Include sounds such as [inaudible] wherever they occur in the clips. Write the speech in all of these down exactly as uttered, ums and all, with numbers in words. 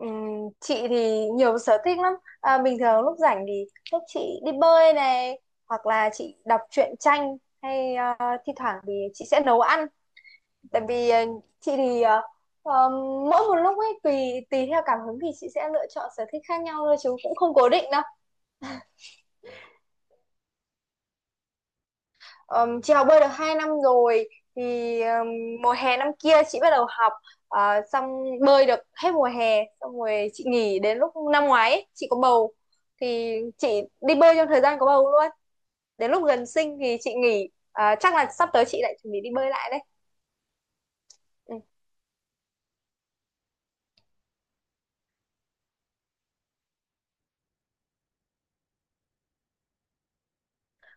Ừm, chị thì nhiều sở thích lắm. À, bình thường lúc rảnh thì lúc chị đi bơi này, hoặc là chị đọc truyện tranh hay, à, thi thoảng thì chị sẽ nấu ăn. Tại vì à, chị thì, à, ờm, mỗi một lúc ấy tùy tùy theo cảm hứng thì chị sẽ lựa chọn sở thích khác nhau thôi chứ cũng không cố định. Ờm, chị học bơi được hai năm rồi thì, ờm, mùa hè năm kia chị bắt đầu học. Ờ, xong bơi được hết mùa hè xong rồi chị nghỉ, đến lúc năm ngoái ấy, chị có bầu thì chị đi bơi trong thời gian có bầu luôn, đến lúc gần sinh thì chị nghỉ. Ờ, chắc là sắp tới chị lại chuẩn bị đi bơi lại đấy. Ừ.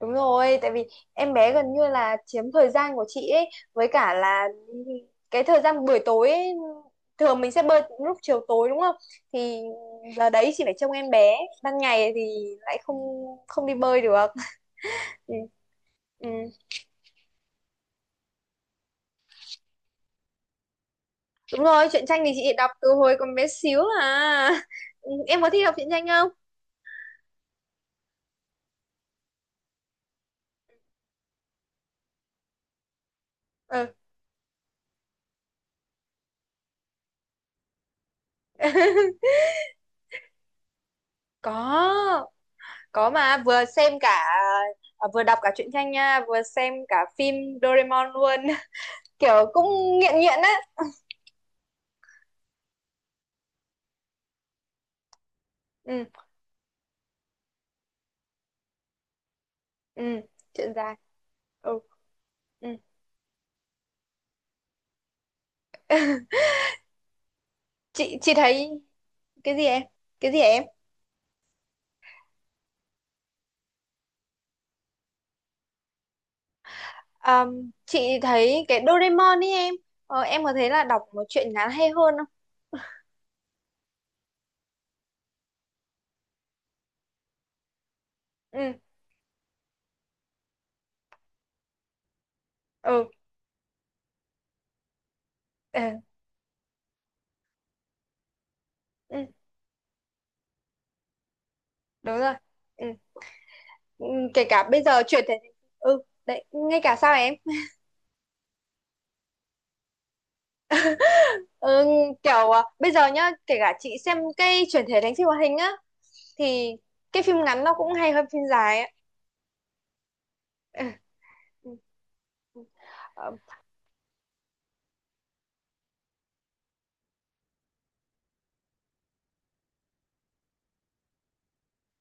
Đúng rồi, tại vì em bé gần như là chiếm thời gian của chị ấy, với cả là cái thời gian buổi tối ấy, thường mình sẽ bơi lúc chiều tối đúng không? Thì giờ đấy chị phải trông em bé, ban ngày thì lại không không đi bơi được. Ừ. Ừ. Đúng rồi, truyện tranh thì chị đọc từ hồi còn bé xíu à. Ừ, em có thích đọc truyện tranh không? Ừ. [laughs] Có, có mà vừa xem cả, à, vừa đọc cả truyện tranh nha, vừa xem cả phim Doraemon luôn. Kiểu cũng nghiện nghiện á. Ừ. Ừ. Chuyện dài. Ừ. Ừ. chị chị thấy cái gì em, cái gì em? Ờm, chị thấy cái Doraemon ấy em, ờ, em có thấy là đọc một truyện ngắn hay hơn không? Ừ. Ừ. Ừ, ừ. Đúng rồi. Ừ. Ừ, kể cả bây giờ chuyển thể. Ừ đấy, ngay cả sao em. Ừ, kiểu à, bây giờ nhá, kể cả chị xem cái chuyển thể thành phim hoạt hình á thì cái phim ngắn nó cũng hay hơn phim dài á. Ừ. Ừ. Ừ. Ờ.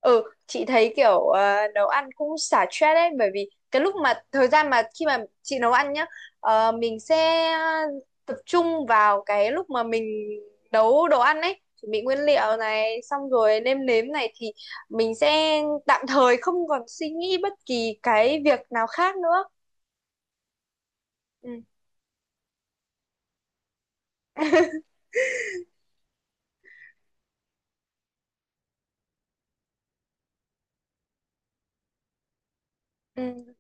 Ừ, chị thấy kiểu, ờ, nấu ăn cũng xả stress đấy, bởi vì cái lúc mà thời gian mà khi mà chị nấu ăn nhá, ờ, mình sẽ tập trung vào cái lúc mà mình nấu đồ ăn ấy, chuẩn bị nguyên liệu này xong rồi nêm nếm này, thì mình sẽ tạm thời không còn suy nghĩ bất kỳ cái việc nào khác nữa. Ừ. [laughs] Ừ.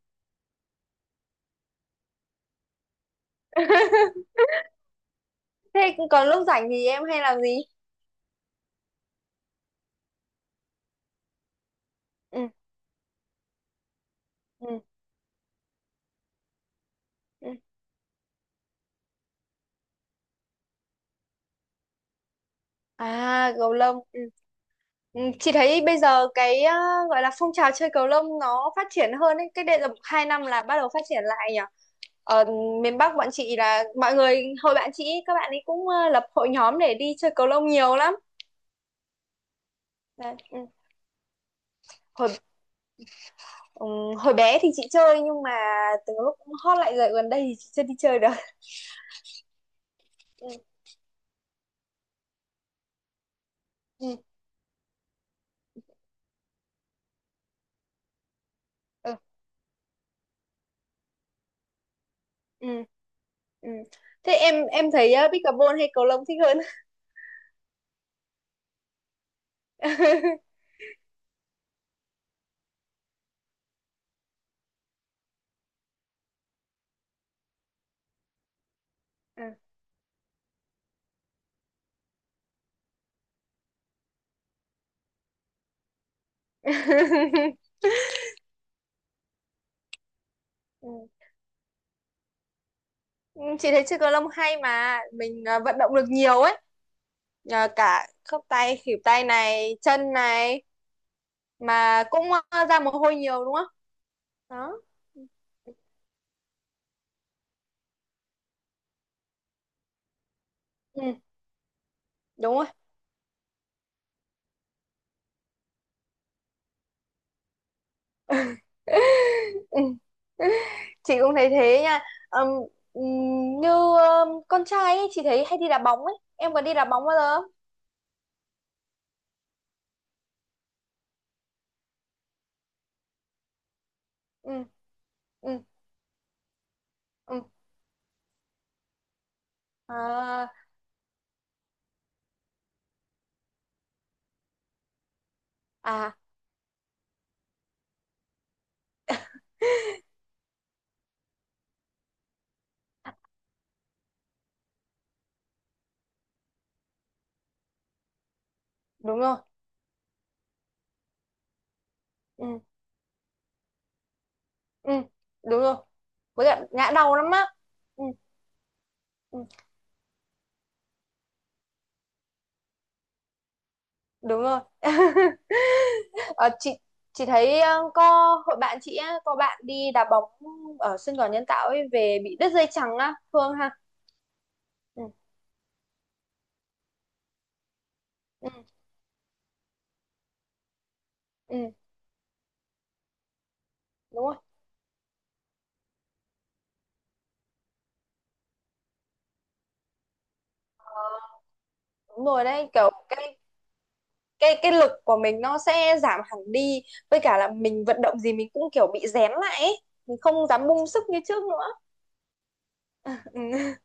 [laughs] Thế còn lúc rảnh thì em hay làm gì? Ừ. Ừ. Ừ. À gấu lông. Ừ, chị thấy bây giờ cái, ờ, gọi là phong trào chơi cầu lông nó phát triển hơn ấy. Cách đây là hai năm là bắt đầu phát triển lại nhỉ. Ở miền Bắc bọn chị là mọi người hồi bạn chị ấy, các bạn ấy cũng, ờ, lập hội nhóm để đi chơi cầu lông nhiều lắm. Đấy. Ừ. Hồi ừ, hồi bé thì chị chơi, nhưng mà từ lúc cũng hot lại rồi gần đây thì chị chưa đi chơi được. Ừ. Ừ. Ừ. Ừ. Ừ. Thế em em thấy uh, pickleball hay cầu lông thích hơn? [laughs] Ừ. [laughs] Ừ. Chị thấy chơi cầu lông hay, mà mình, ờ, vận động được nhiều ấy, nhờ cả khớp tay, khuỷu tay này, chân này, mà cũng, ờ, ra mồ hôi nhiều đúng không? Đó. Ừ, đúng rồi. [laughs] Ừ, chị cũng thấy thế nha. Ừm, ừm, Như ờm, con trai ấy, chị thấy hay đi đá bóng ấy, em có đi đá bóng bao giờ không? Ừ. Ừ. Ừ. À. À đúng rồi. Ừ. Ừ, đúng rồi. Với cả ngã đầu lắm á. Ừ. Ừ. Đúng rồi. [laughs] Ờ, chị chị thấy, ờ, có hội bạn chị á, có bạn đi đá bóng ở sân cỏ nhân tạo ấy về bị đứt dây chằng á, Phương ha. Ừ. Ừ. Ừ. Đúng rồi. Đúng rồi đấy, kiểu cái, cái cái lực của mình nó sẽ giảm hẳn đi, với cả là mình vận động gì mình cũng kiểu bị rén lại ấy. Mình không dám bung sức như trước nữa. Ừ.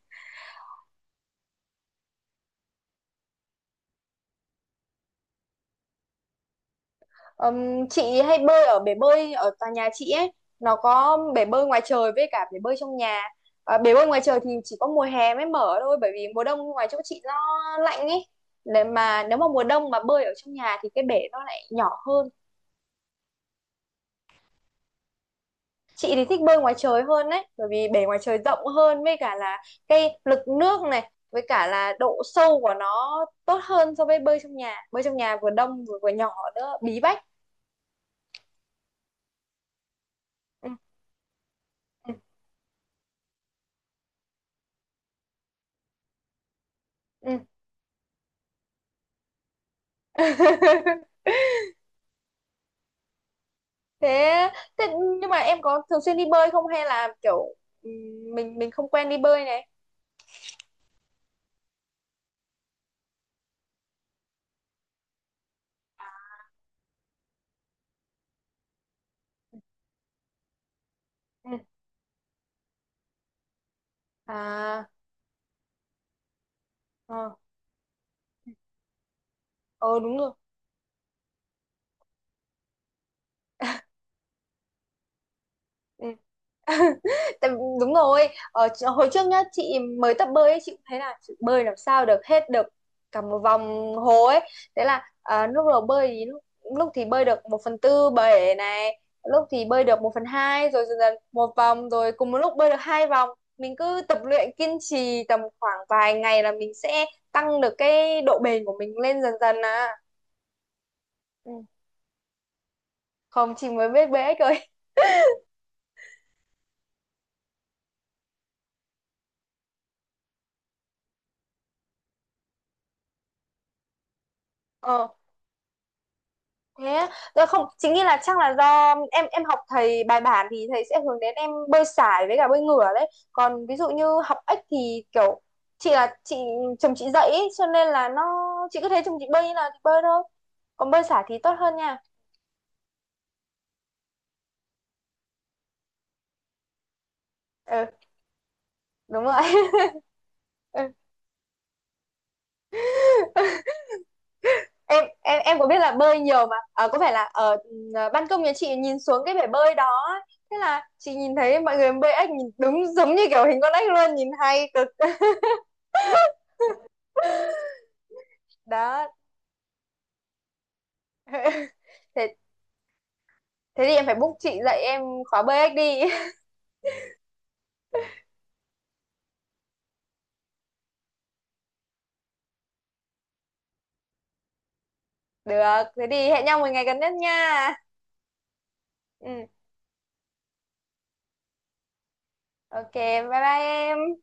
Ừm, chị hay bơi ở bể bơi ở tòa nhà chị ấy, nó có bể bơi ngoài trời với cả bể bơi trong nhà. À, bể bơi ngoài trời thì chỉ có mùa hè mới mở thôi, bởi vì mùa đông ngoài chỗ chị nó lạnh ấy. Nếu mà nếu mà mùa đông mà bơi ở trong nhà thì cái bể nó lại nhỏ hơn. Chị thì thích bơi ngoài trời hơn đấy, bởi vì bể ngoài trời rộng hơn, với cả là cái lực nước này với cả là độ sâu của nó tốt hơn so với bơi trong nhà. Bơi trong nhà vừa đông, vừa vừa nhỏ nữa, bí bách. Ừ. Ừ. Ừ. [laughs] Thế, thế nhưng mà em có thường xuyên đi bơi không, hay là kiểu ừm, mình mình không quen đi bơi này. Ừ. À. Ờ. Ờ, đúng rồi. Ừ. [laughs] Tại- Đúng rồi, ở ch- hồi trước nhá, chị mới tập bơi ấy, chị cũng thấy là chị bơi làm sao được hết được cả một vòng hồ ấy. Thế là, à, lúc đầu bơi thì lúc, lúc thì bơi được một phần tư bể này, lúc thì bơi được một phần hai, rồi dần dần một vòng, rồi cùng một lúc bơi được hai vòng. Mình cứ tập luyện kiên trì tầm khoảng vài ngày là mình sẽ tăng được cái độ bền của mình lên dần dần à. Ừ. Không, chị mới biết bơi ếch. Rồi. Thế á? Dạ không, chính nghĩ là chắc là do em em học thầy bài bản thì thầy sẽ hướng đến em bơi sải với cả bơi ngửa đấy, còn ví dụ như học ếch thì kiểu, chị là chị, chồng chị dạy ý, cho nên là nó, chị cứ thấy chồng chị bơi như nào thì bơi thôi. Còn bơi sải thì tốt hơn nha. Ừ đúng rồi. [laughs] Ừ. em em em có biết là bơi nhiều mà, à có phải là ở, ừ, ban công nhà chị nhìn xuống cái bể bơi đó ấy. Thế là chị nhìn thấy mọi người bơi ếch nhìn đúng giống như kiểu hình con ếch luôn, nhìn hay cực. [laughs] Đó. [laughs] Thế, thế thì em phải book chị dạy em khóa bi ích đi. [laughs] Được, thế thì hẹn nhau một ngày gần nhất nha. Ừ, ok, bye bye em.